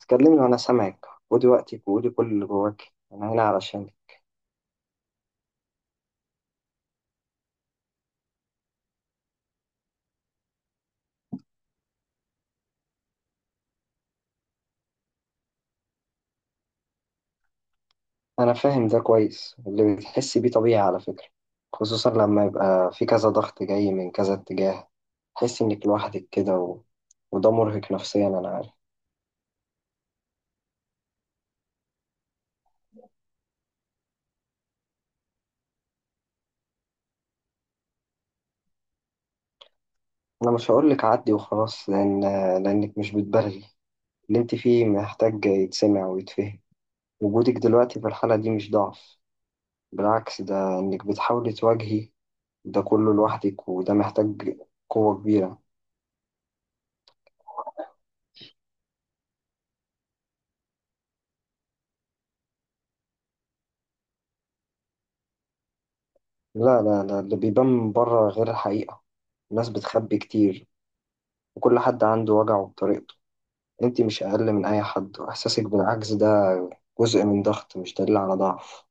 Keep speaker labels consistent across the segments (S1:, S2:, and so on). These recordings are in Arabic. S1: تكلمني وأنا سامعك، ودي وقتك، وقولي كل اللي جواك. أنا هنا علشانك. أنا فاهم ده كويس، اللي بتحسي بيه طبيعي على فكرة، خصوصا لما يبقى في كذا ضغط جاي من كذا اتجاه، تحسي إنك لوحدك كده وده مرهق نفسيا، أنا عارف. أنا مش هقولك عدي وخلاص، لأنك مش بتبالغي. اللي أنت فيه محتاج يتسمع ويتفهم. وجودك دلوقتي في الحالة دي مش ضعف، بالعكس، ده إنك بتحاولي تواجهي ده كله لوحدك، وده محتاج قوة كبيرة. لا لا لا، اللي بيبان من بره غير الحقيقة. الناس بتخبي كتير، وكل حد عنده وجعه بطريقته. انت مش أقل من أي حد، وإحساسك بالعجز ده جزء من ضغط، مش دليل على ضعف.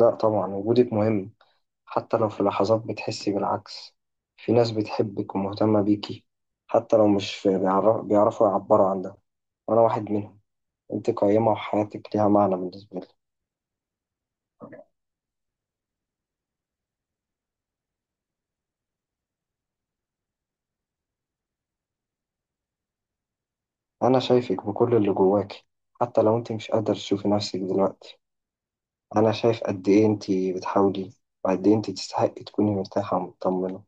S1: لا طبعا، وجودك مهم، حتى لو في لحظات بتحسي بالعكس. في ناس بتحبك ومهتمة بيكي، حتى لو مش بيعرفوا يعبروا عن ده، وأنا واحد منهم. انت قيمة وحياتك ليها معنى بالنسبة لي. أنا شايفك بكل اللي جواكي، حتى لو انت مش قادرة تشوفي نفسك دلوقتي. أنا شايف قد إيه أنتي بتحاولي، وقد إيه أنتي تستحقي تكوني مرتاحة ومطمنة.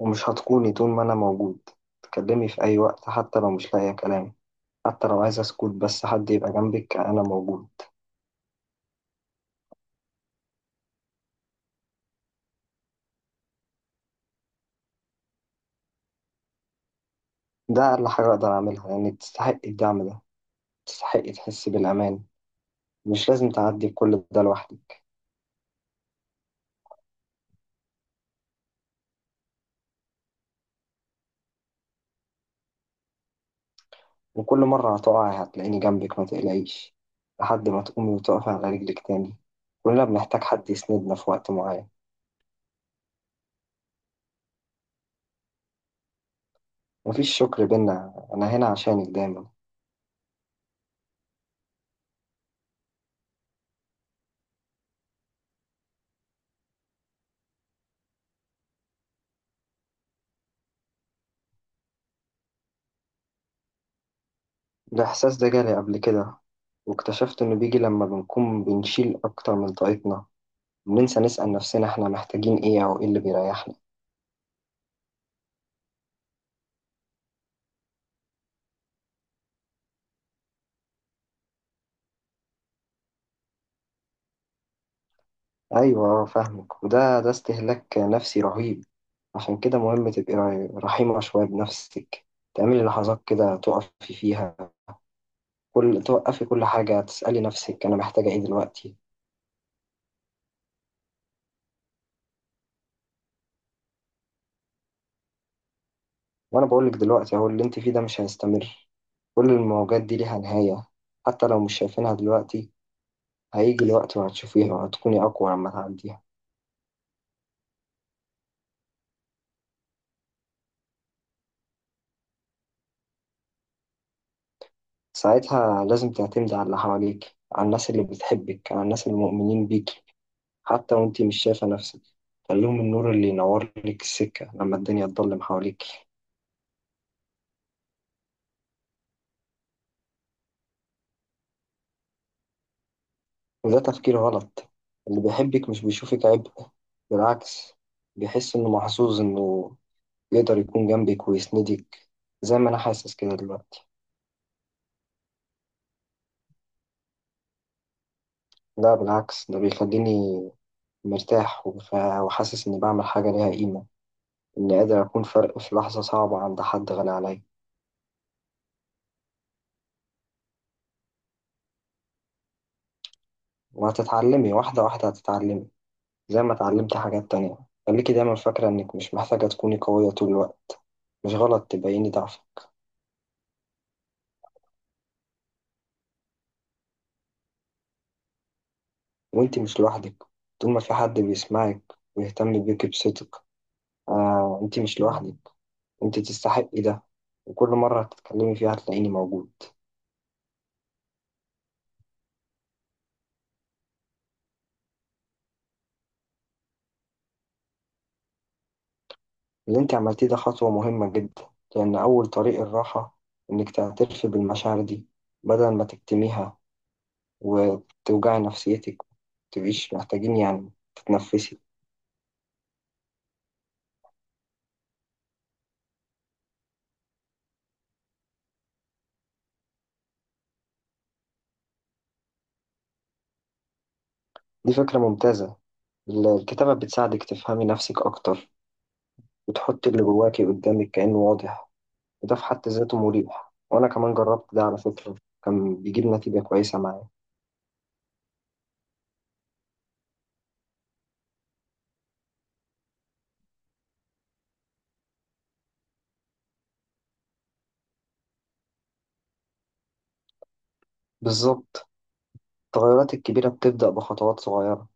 S1: ومش هتكوني، طول ما أنا موجود، تكلمي في أي وقت، حتى لو مش لاقية كلام، حتى لو عايزة أسكت بس حد يبقى جنبك. أنا موجود. ده أقل حاجة أقدر أعملها، لأنك تستحقي الدعم ده، تستحقي تحسي بالأمان. مش لازم تعدي بكل ده لوحدك. وكل مرة هتقعي هتلاقيني جنبك، ما تقلقيش، لحد ما تقومي وتقفي على رجلك تاني. كلنا بنحتاج حد يسندنا في وقت معين. مفيش شكر بينا، أنا هنا عشانك دايما. الإحساس ده جالي قبل كده، واكتشفت إنه بيجي لما بنكون بنشيل أكتر من طاقتنا، بننسى نسأل نفسنا إحنا محتاجين إيه أو إيه اللي بيريحنا. أيوة فاهمك، وده استهلاك نفسي رهيب. عشان كده مهم تبقي رحيمة شوية بنفسك، تعملي لحظات كده تقفي فيها، كل توقفي كل حاجة تسألي نفسك أنا محتاجة إيه دلوقتي. وأنا بقولك دلوقتي أهو، اللي أنت فيه ده مش هيستمر. كل المواجهات دي ليها نهاية، حتى لو مش شايفينها دلوقتي. هيجي الوقت وهتشوفيها، وهتكوني أقوى لما تعديها. ساعتها لازم تعتمدي على اللي حواليك، على الناس اللي بتحبك، على الناس اللي مؤمنين بيكي، حتى وانتي مش شايفة نفسك. خليهم النور اللي ينور لك السكة لما الدنيا تضلم حواليك. وده تفكير غلط، اللي بيحبك مش بيشوفك عبء، بالعكس، بيحس إنه محظوظ إنه يقدر يكون جنبك ويسندك، زي ما أنا حاسس كده دلوقتي. لا بالعكس، ده بيخليني مرتاح، وحاسس إني بعمل حاجة ليها قيمة، إني قادر أكون فرق في لحظة صعبة عند حد غالي عليا. وهتتعلمي واحدة واحدة، هتتعلمي زي ما اتعلمتي حاجات تانية. خليكي دايما فاكرة إنك مش محتاجة تكوني قوية طول الوقت، مش غلط تبيني ضعفك. وإنتي مش لوحدك، طول ما في حد بيسمعك ويهتم بيكي بصدق. آه، إنتي مش لوحدك، إنتي تستحقي ده. وكل مرة هتتكلمي فيها هتلاقيني موجود. اللي إنتي عملتيه ده خطوة مهمة جدا، لأن أول طريق الراحة إنك تعترفي بالمشاعر دي، بدل ما تكتميها وتوجعي نفسيتك. متبقيش محتاجين يعني تتنفسي. دي فكرة ممتازة. الكتابة بتساعدك تفهمي نفسك أكتر، وتحطي اللي جواكي قدامك كأنه واضح، وده في حد ذاته مريح. وأنا كمان جربت ده على فكرة، كان بيجيب نتيجة كويسة معايا. بالظبط، التغيرات الكبيرة بتبدأ بخطوات صغيرة.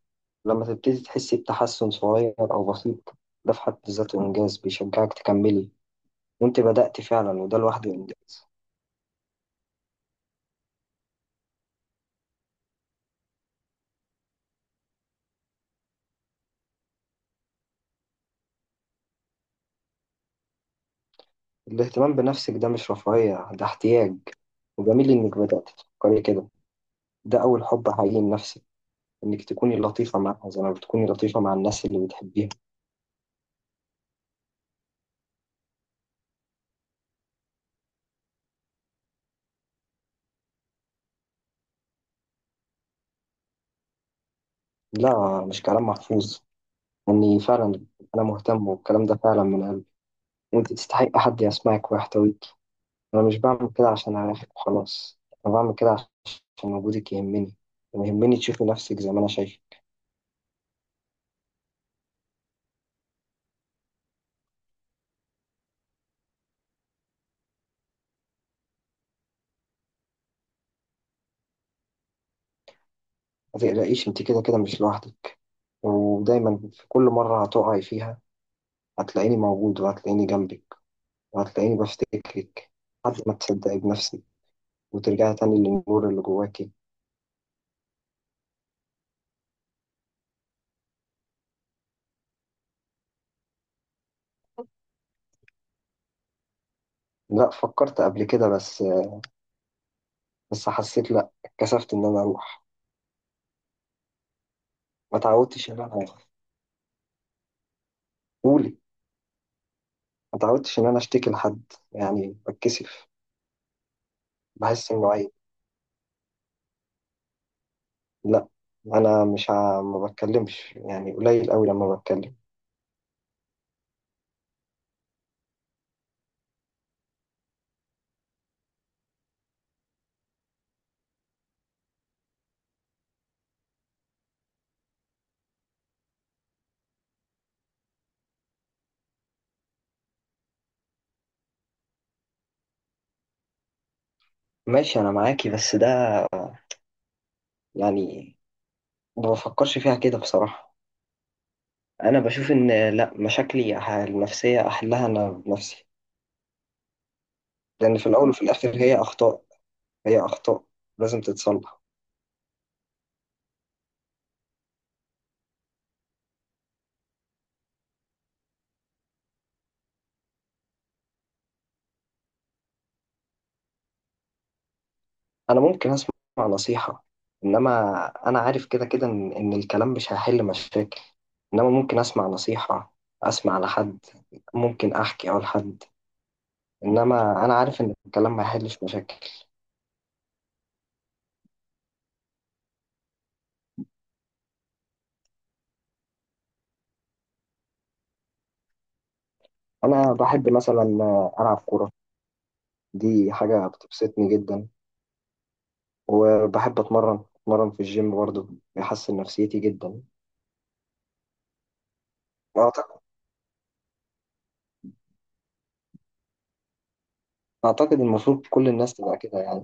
S1: لما تبتدي تحسي بتحسن صغير أو بسيط، ده في حد ذاته إنجاز بيشجعك تكملي. وأنت بدأت فعلا، وده لوحده إنجاز. الاهتمام بنفسك ده مش رفاهية، ده احتياج. وجميل إنك بدأت تفكري كده، ده أول حب حقيقي لنفسك، إنك تكوني لطيفة معها زي ما بتكوني لطيفة مع الناس اللي بتحبيهم. لا مش كلام محفوظ، إني فعلا، أنا مهتم، والكلام ده فعلا من قلبي. وأنت تستحقي حد يسمعك ويحتويك. أنا مش بعمل كده عشان أريحك وخلاص، أنا بعمل كده عشان وجودك يهمني، ويهمني تشوفي نفسك زي ما أنا شايفة. ما تقلقيش، أنت كده كده مش لوحدك. ودايما في كل مرة هتقعي فيها هتلاقيني موجود، وهتلاقيني جنبك، هتلاقيني بفتكرك لحد ما تصدقي بنفسك، وترجعي تاني للنور اللي جواكي. لا، فكرت قبل كده، بس حسيت، لا اتكسفت ان انا اروح. ما تعودتش ان انا. قولي، ما تعودتش ان انا اشتكي لحد، يعني بتكسف، بحس انه عيب. لا، انا مش ما بتكلمش، يعني قليل قوي لما بتكلم. ماشي انا معاكي، بس ده، يعني ما بفكرش فيها كده بصراحة. انا بشوف ان لا، مشاكلي النفسية احلها انا بنفسي. لان في الاول وفي الاخر هي اخطاء، هي أخطاء لازم تتصلح. أنا ممكن أسمع نصيحة، إنما أنا عارف كده كده إن الكلام مش هيحل مشاكل. إنما ممكن أسمع نصيحة، أسمع لحد، ممكن أحكي أو لحد، إنما أنا عارف إن الكلام ما يحلش مشاكل. أنا بحب مثلا ألعب كورة، دي حاجة بتبسطني جدا. وبحب أتمرن أتمرن في الجيم برضه، بيحسن نفسيتي جدا. أعتقد. أعتقد المفروض كل الناس تبقى كده يعني.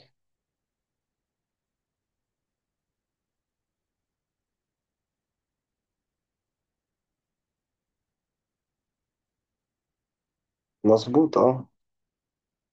S1: مظبوط أه.